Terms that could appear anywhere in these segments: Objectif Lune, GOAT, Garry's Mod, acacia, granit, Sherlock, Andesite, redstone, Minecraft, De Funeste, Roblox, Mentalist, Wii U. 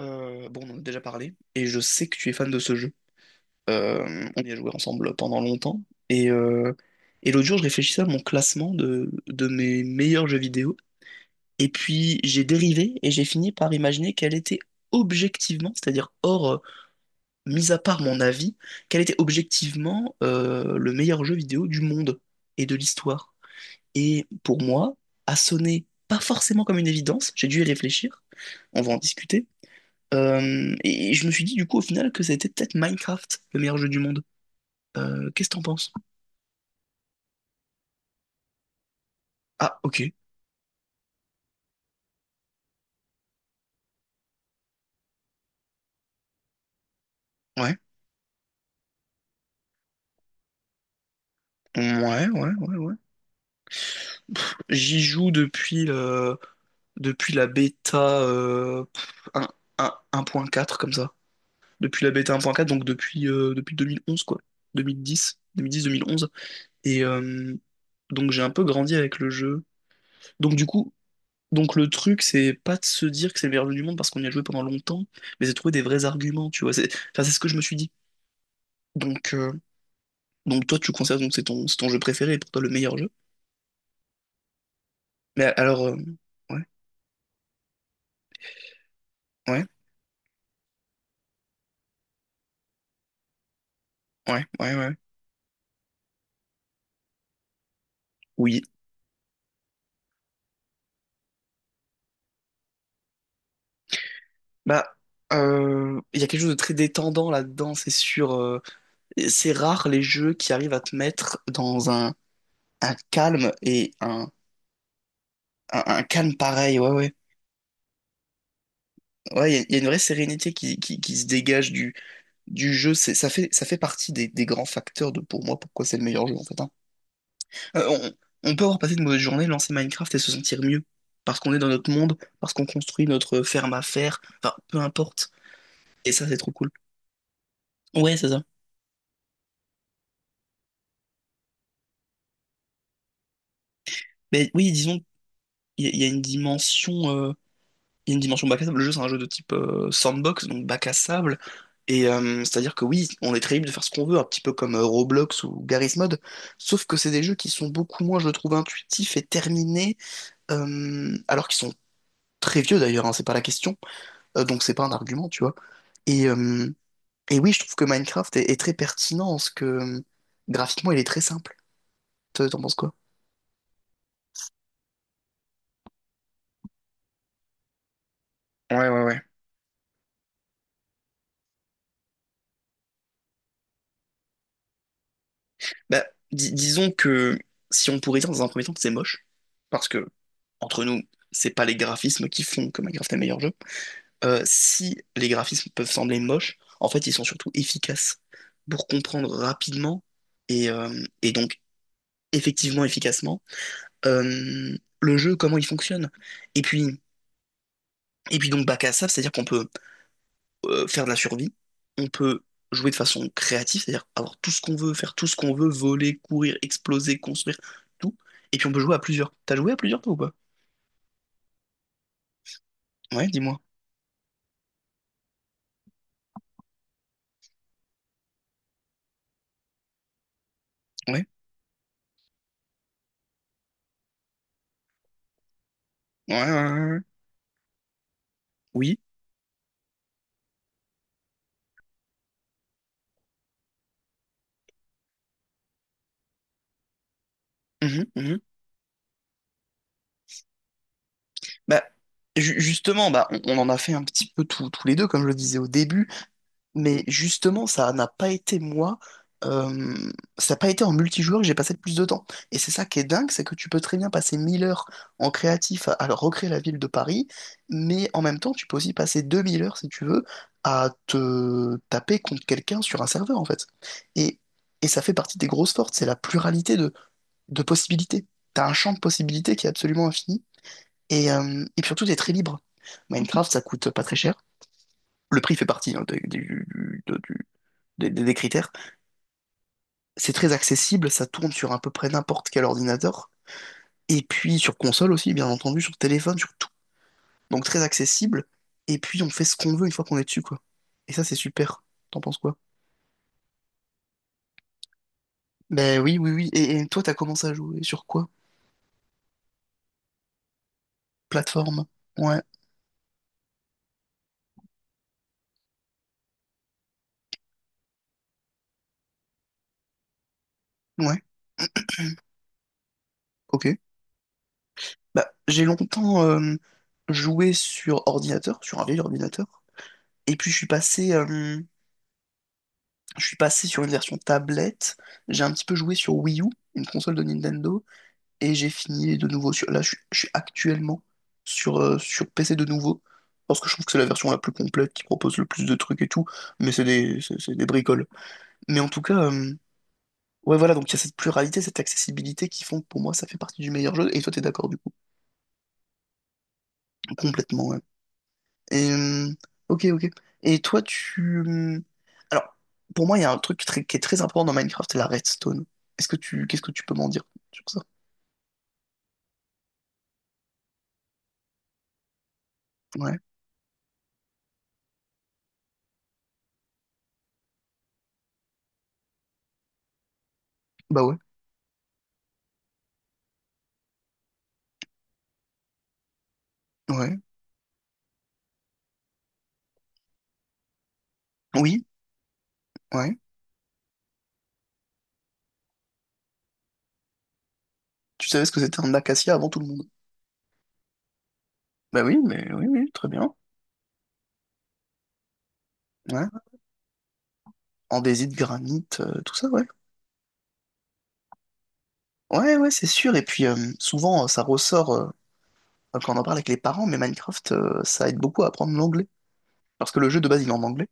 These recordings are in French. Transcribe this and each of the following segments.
Bon, on en a déjà parlé, et je sais que tu es fan de ce jeu. On y a joué ensemble pendant longtemps, et, euh, et l'autre jour, je réfléchissais à mon classement de mes meilleurs jeux vidéo, et puis j'ai dérivé, et j'ai fini par imaginer quel était objectivement, c'est-à-dire hors, mis à part mon avis, quel était objectivement le meilleur jeu vidéo du monde et de l'histoire. Et pour moi, a sonné pas forcément comme une évidence, j'ai dû y réfléchir, on va en discuter, et je me suis dit du coup au final que c'était peut-être Minecraft, le meilleur jeu du monde. Qu'est-ce que t'en penses? Ah, ok. Ouais. Ouais, ouais, ouais, ouais. J'y joue depuis la bêta 1.4, comme ça. Depuis la bêta 1.4, donc depuis 2011, quoi. Deux deux mille mille dix dix deux mille dix-deux mille onze. Et, donc j'ai un peu grandi avec le jeu. Donc, du coup, le truc c'est pas de se dire que c'est le meilleur jeu du monde parce qu'on y a joué pendant longtemps, mais c'est de trouver des vrais arguments, tu vois. C'est, enfin, c'est ce que je me suis dit. Donc, euh, donc toi, tu considères, c'est ton jeu préféré et pour toi le meilleur jeu. Mais alors, ouais, ouais, ouais, ouais, ouais. Oui. Bah, il y a quelque chose de très détendant là-dedans, c'est sûr. C'est rare les jeux qui arrivent à te mettre dans un calme et un, un calme pareil. Ouais, ouais. Ouais, il y a une vraie sérénité qui se dégage du jeu. Ça fait partie des grands facteurs de pour moi pourquoi c'est le meilleur jeu, en fait, hein. Euh, on peut avoir passé une mauvaise journée, lancer Minecraft et se sentir mieux. Parce qu'on est dans notre monde, parce qu'on construit notre ferme à faire, enfin, peu importe. Et ça, c'est trop cool. Ouais, c'est ça. Mais oui, disons, il y, a il y a une dimension, euh, il y a une dimension bac à sable. Le jeu, c'est un jeu de type sandbox, donc bac à sable. Et c'est-à-dire que oui, on est très libre de faire ce qu'on veut, un petit peu comme Roblox ou Garry's Mod. Sauf que c'est des jeux qui sont beaucoup moins, je le trouve, intuitifs et terminés, alors qu'ils sont très vieux d'ailleurs, hein, c'est pas la question. Donc c'est pas un argument, tu vois. Et, euh, et oui, je trouve que Minecraft est très pertinent en ce que, graphiquement il est très simple. Toi, t'en penses quoi? Ouais, ouais, ouais. Bah, disons que si on pourrait dire dans un premier temps que c'est moche, parce que, entre nous, c'est pas les graphismes qui font que Minecraft est le meilleur jeu. Si les graphismes peuvent sembler moches, en fait, ils sont surtout efficaces pour comprendre rapidement et donc effectivement, efficacement, le jeu, comment il fonctionne. Et puis, et puis donc, bac à ça, c'est-à-dire qu'on peut faire de la survie, on peut jouer de façon créative, c'est-à-dire avoir tout ce qu'on veut, faire tout ce qu'on veut, voler, courir, exploser, construire, tout. Et puis on peut jouer à plusieurs. T'as joué à plusieurs toi ou pas? Ouais, dis-moi. Ouais. Ouais, ouais, ouais, ouais. Oui. Mhm, mhm. Bah, justement, bah, on en a fait un petit peu tous les deux, comme je le disais au début. Mais justement, euh, ça n'a pas été en multijoueur que j'ai passé le plus de temps. Et c'est ça qui est dingue, c'est que tu peux très bien passer 1 000 heures en créatif à recréer la ville de Paris, mais en même temps, tu peux aussi passer 2 000 heures, si tu veux, à te taper contre quelqu'un sur un serveur, en fait. Et, et ça fait partie des grosses forces, c'est la pluralité de possibilités. T'as un champ de possibilités qui est absolument infini, et puis surtout, t'es très libre. Minecraft, ça coûte pas très cher. Le prix fait partie, hein, du, des critères. C'est très accessible, ça tourne sur à peu près n'importe quel ordinateur. Et puis sur console aussi, bien entendu, sur téléphone, sur tout. Donc très accessible. Et puis on fait ce qu'on veut une fois qu'on est dessus, quoi. Et ça, c'est super. T'en penses quoi? Ben oui, oui, oui. Et toi, t'as commencé à jouer sur quoi? Plateforme. Ouais, ouais, ok. Bah, j'ai longtemps joué sur ordinateur, sur un vieil ordinateur. Et puis je suis passé sur une version tablette. J'ai un petit peu joué sur Wii U, une console de Nintendo. Et j'ai fini de nouveau sur... Là, je suis actuellement sur PC de nouveau parce que je trouve que c'est la version la plus complète qui propose le plus de trucs et tout, mais c'est des bricoles. Mais en tout cas, ouais, voilà, donc il y a cette pluralité, cette accessibilité qui font que pour moi ça fait partie du meilleur jeu, et toi t'es d'accord du coup, complètement, ouais. Et, euh, ok, ok. Et toi, tu. Alors, pour moi, il y a un truc qui est très important dans Minecraft, c'est la redstone. Qu'est-ce que tu peux m'en dire sur ça? Ouais, bah ouais, ouais, oui, ouais. Tu savais ce que c'était un acacia avant tout le monde? Bah oui, mais oui, oui, très bien. Ouais. Andésite, granit, tout ça, ouais. Ouais, ouais, c'est sûr. Et puis, souvent, ça ressort, quand on en parle avec les parents, mais Minecraft, ça aide beaucoup à apprendre l'anglais. Parce que le jeu de base, il est en anglais.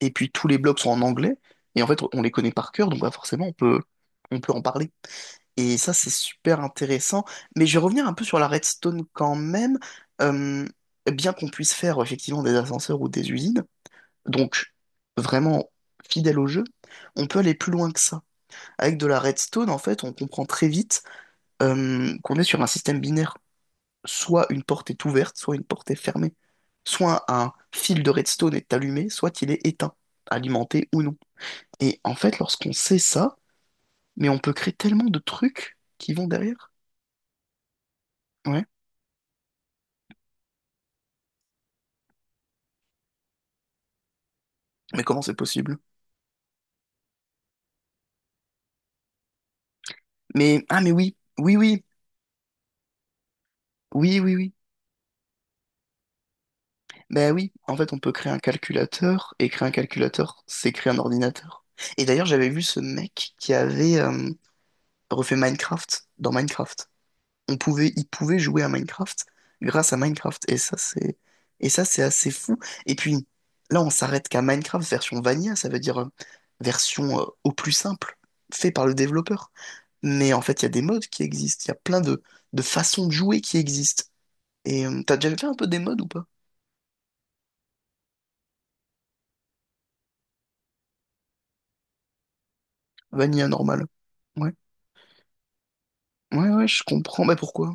Et puis tous les blocs sont en anglais. Et en fait, on les connaît par cœur, donc bah, forcément, on peut en parler. Et ça, c'est super intéressant. Mais je vais revenir un peu sur la redstone quand même. Euh, Bien qu'on puisse faire effectivement des ascenseurs ou des usines. Donc, vraiment fidèle au jeu, on peut aller plus loin que ça. Avec de la redstone, en fait, on comprend très vite qu'on est sur un système binaire. Soit une porte est ouverte, soit une porte est fermée. Soit un fil de redstone est allumé, soit il est éteint, alimenté ou non. Et en fait, lorsqu'on sait ça, mais on peut créer tellement de trucs qui vont derrière. Ouais. Mais comment c'est possible? Mais, ah, mais oui, oui, oui, oui, oui, oui. Ben oui, en fait, on peut créer un calculateur, et créer un calculateur, c'est créer un ordinateur. Et d'ailleurs, j'avais vu ce mec qui avait refait Minecraft dans Minecraft. Il pouvait jouer à Minecraft grâce à Minecraft, et ça, c'est assez fou. Et puis, là, on s'arrête qu'à Minecraft version vanilla, ça veut dire version au plus simple, fait par le développeur. Mais en fait, il y a des modes qui existent, il y a plein de façons de jouer qui existent. Et t'as déjà fait un peu des modes ou pas? Vanilla normal. Ouais. Ouais, ouais, je comprends. Mais pourquoi?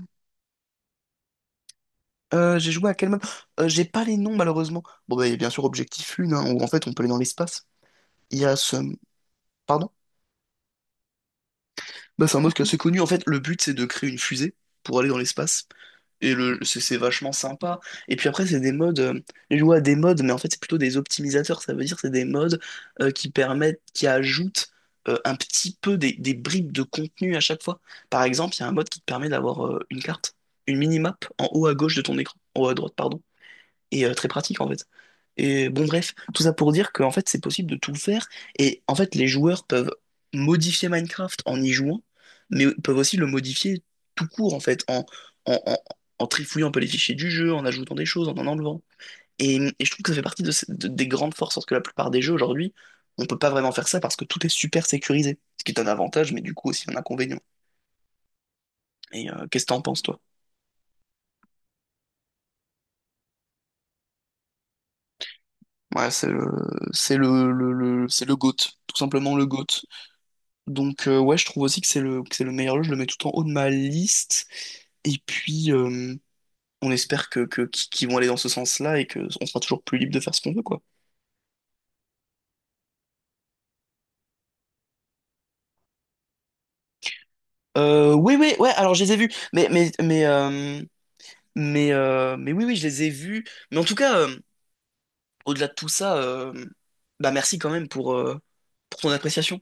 J'ai joué à quel mode? J'ai pas les noms, malheureusement. Bon, bah, il y a bien sûr Objectif Lune, hein, où en fait, on peut aller dans l'espace. Il y a ce... Pardon? Bah, c'est un mode qui est assez connu. En fait, le but, c'est de créer une fusée pour aller dans l'espace. Et le... c'est vachement sympa. Et puis après, c'est des modes... J'ai joué à des modes, mais en fait, c'est plutôt des optimisateurs. Ça veut dire c'est des modes qui permettent... qui ajoutent un petit peu des bribes de contenu à chaque fois. Par exemple, il y a un mode qui te permet d'avoir une carte, une minimap en haut à gauche de ton écran. En haut à droite, pardon. Et, très pratique en fait. Et bon, bref, tout ça pour dire qu'en fait, c'est possible de tout faire. Et en fait, les joueurs peuvent modifier Minecraft en y jouant, mais peuvent aussi le modifier tout court en fait, en, en, en trifouillant un peu les fichiers du jeu, en ajoutant des choses, en enlevant. Et je trouve que ça fait partie des grandes forces, parce que la plupart des jeux aujourd'hui, on peut pas vraiment faire ça parce que tout est super sécurisé, ce qui est un avantage, mais du coup aussi un inconvénient. Et qu'est-ce que t'en penses, toi? Ouais, c'est le GOAT, tout simplement le GOAT. Donc, ouais, je trouve aussi que que c'est le meilleur jeu, je le mets tout en haut de ma liste. Et puis, on espère qu'ils vont aller dans ce sens-là et que on sera toujours plus libre de faire ce qu'on veut, quoi. Oui, oui, ouais, alors je les ai vus. Mais oui, oui, je les ai vus. Mais en tout cas, au-delà de tout ça, bah merci quand même pour ton appréciation.